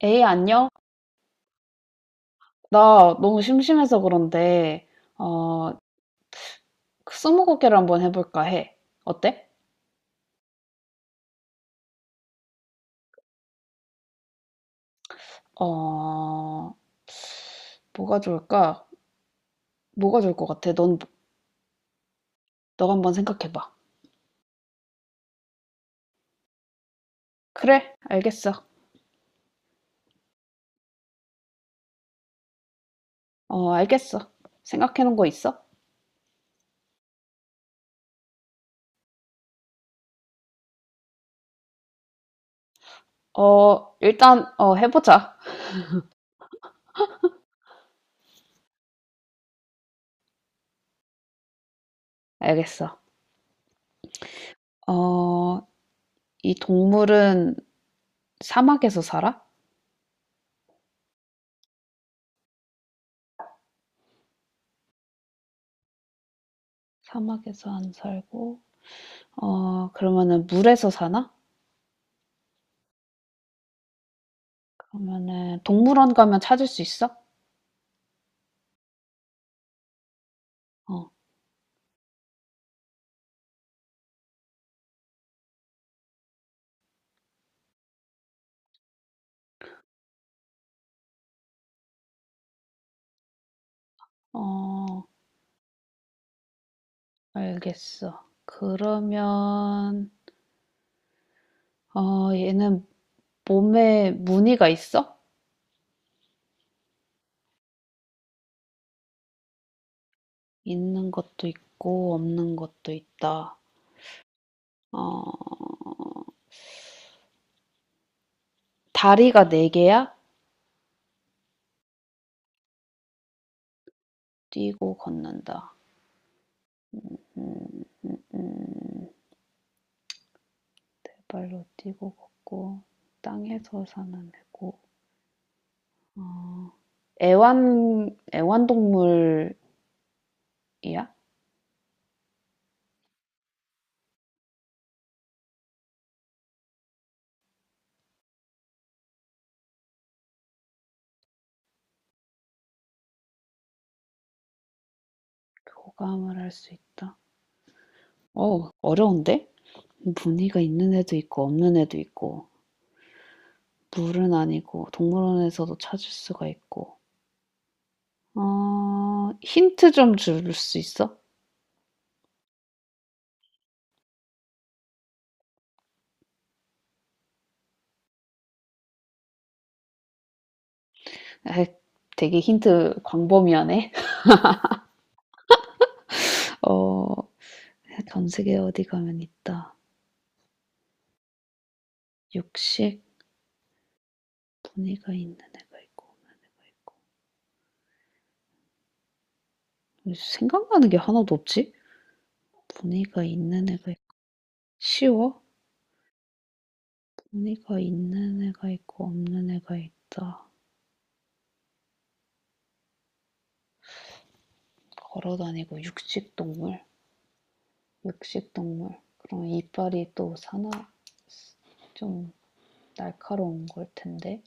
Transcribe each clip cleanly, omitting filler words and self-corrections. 에이, 안녕? 나 너무 심심해서 그런데, 어, 그 스무고개를 한번 해볼까 해. 어때? 어, 뭐가 좋을까? 뭐가 좋을 것 같아? 넌, 너가 한번 생각해봐. 그래, 알겠어. 어, 알겠어. 생각해놓은 거 있어? 어, 일단, 해보자. 알겠어. 어, 이 동물은 사막에서 살아? 사막에서 안 살고, 그러면은 물에서 사나? 그러면은 동물원 가면 찾을 수 있어? 어, 어, 알겠어. 그러면, 얘는 몸에 무늬가 있어? 있는 것도 있고, 없는 것도 있다. 어, 다리가 네 개야? 뛰고 걷는다. 음, 음, 네 발로 뛰고 걷고, 땅에서 사는 애고. 애완동물이야? 교감을 할 수 있다. 어, 어려운데? 무늬가 있는 애도 있고, 없는 애도 있고. 물은 아니고 동물원에서도 찾을 수가 있고. 어, 힌트 좀 줄 수 있어? 에 되게 힌트 광범위하네. 어, 전 세계 어디 가면 있다. 육식, 무늬가 있는 애가 있고, 없는 애가 있고. 생각나는 게 하나도 없지? 무늬가 있는 애가 있고. 쉬워? 무늬가 있는 애가 있고, 없는 애가 있다. 걸어 다니고, 육식 동물. 육식 동물. 그럼 이빨이 또 사나, 좀 날카로운 걸 텐데.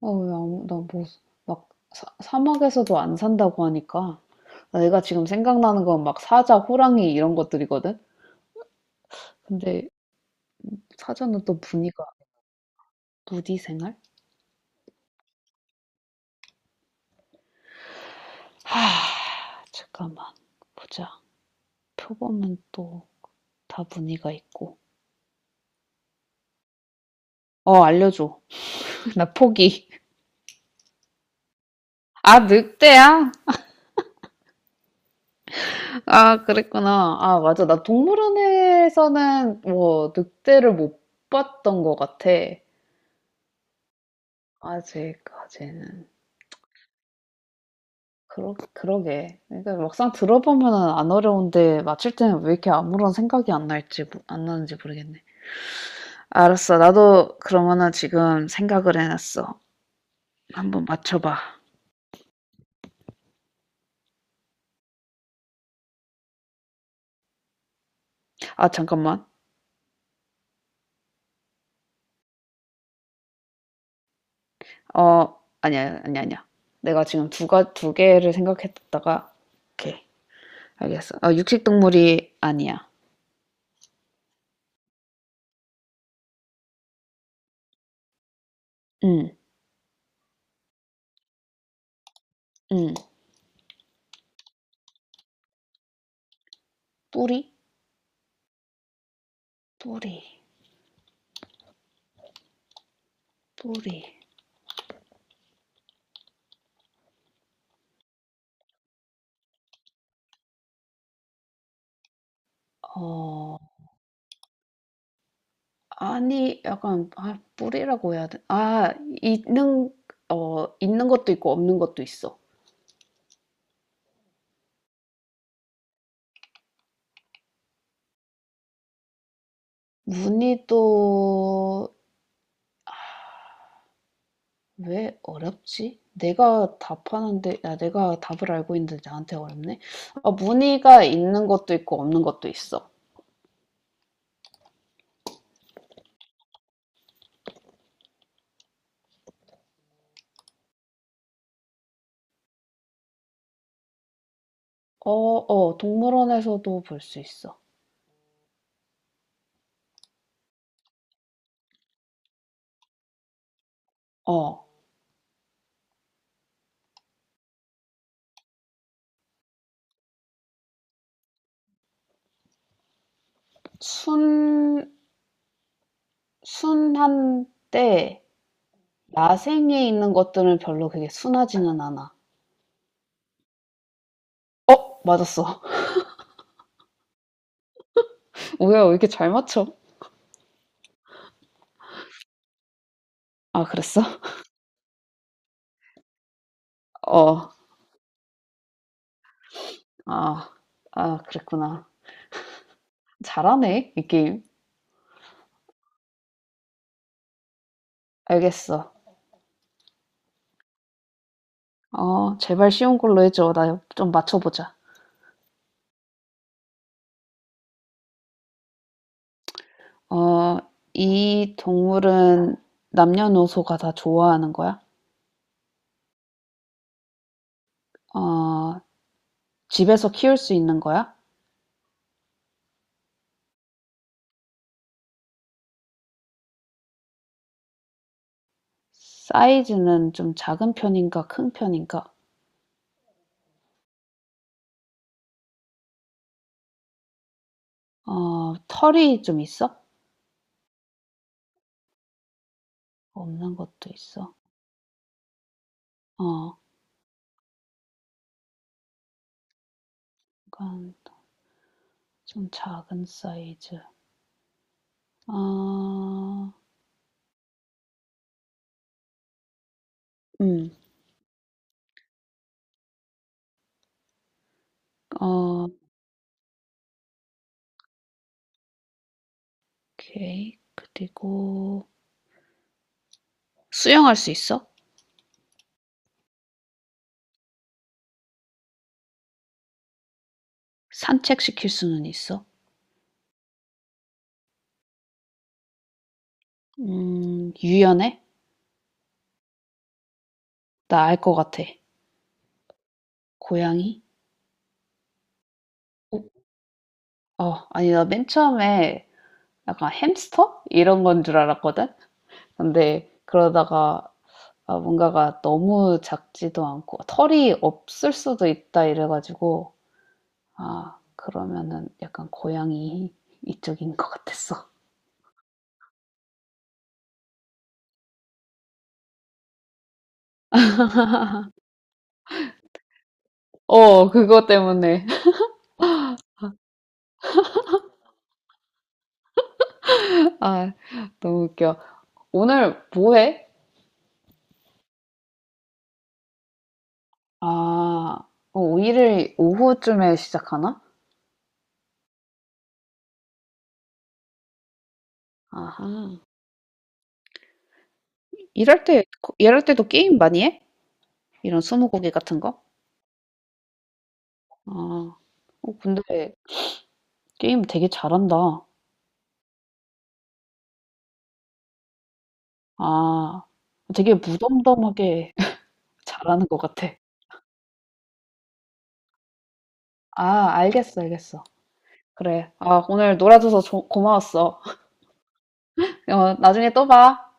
아, 왜 아무, 나 뭐, 막, 사막에서도 안 산다고 하니까. 내가 지금 생각나는 건 막 사자, 호랑이 이런 것들이거든? 근데 사자는 또 무늬가, 무늬 생활? 하, 잠깐만. 보자. 표범은 또 다 무늬가 있고. 어, 알려줘. 나 포기. 아, 늑대야? 아, 그랬구나. 아, 맞아. 나 동물원에서는 뭐, 늑대를 못 봤던 것 같아. 아직까지는. 그러게. 그러니까 막상 들어보면은 안 어려운데 맞힐 때는 왜 이렇게 아무런 생각이 안 안 나는지 모르겠네. 알았어. 나도 그러면은 지금 생각을 해놨어. 한번 맞춰봐. 아 잠깐만. 어 아니야 아니야. 내가 지금 두가 두 개를 생각했다가 오케이 알겠어. 아 육식 동물이 아니야. 응 응. 뿌리 뿌리 뿌리. 어 아니, 약간, 아, 뿌리라고 해야 돼. 아, 있는, 어, 있는 것도 있고 없는 것도 있어. 문늬도왜 어렵지? 내가 답하는데, 야, 내가 답을 알고 있는데 나한테 어렵네? 아, 무늬가 있는 것도 있고 없는 것도 있어. 어, 어, 동물원에서도 볼 수 있어. 어, 순, 순한데, 야생에 있는 것들은 별로 그게 순하지는 않아. 어, 맞았어. 뭐야, 왜 이렇게 잘 맞춰? 아 그랬어? 어. 아. 아 그랬구나. 잘하네, 이 게임. 알겠어. 어 제발 쉬운 걸로 해 줘. 나 좀 맞춰 보자. 어 이 동물은 남녀노소가 다 좋아하는 거야? 어 집에서 키울 수 있는 거야? 사이즈는 좀 작은 편인가 큰 편인가? 어 털이 좀 있어? 없는 것도 있어. 어 약간 좀 작은 사이즈. 어 음. 어 오케이. 그리고 수영할 수 있어? 산책시킬 수는 있어? 유연해? 나 알 것 같아. 고양이? 어, 어, 아니, 나 맨 처음에 약간 햄스터? 이런 건 줄 알았거든? 근데 그러다가 아, 뭔가가 너무 작지도 않고 털이 없을 수도 있다 이래가지고 아, 그러면은 약간 고양이 이쪽인 것 같았어. 어, 그거 때문에. 아, 너무 웃겨. 오늘 뭐 해? 아. 어, 오 일을 오후쯤에 시작하나? 아하. 일할 때, 일할 때도 게임 많이 해? 이런 스무고개 같은 거? 아. 어, 근데 게임 되게 잘한다. 아. 되게 무덤덤하게 잘하는 것 같아. 아, 알겠어. 그래. 아, 오늘 놀아줘서 고마웠어. 어, 나중에 또 봐.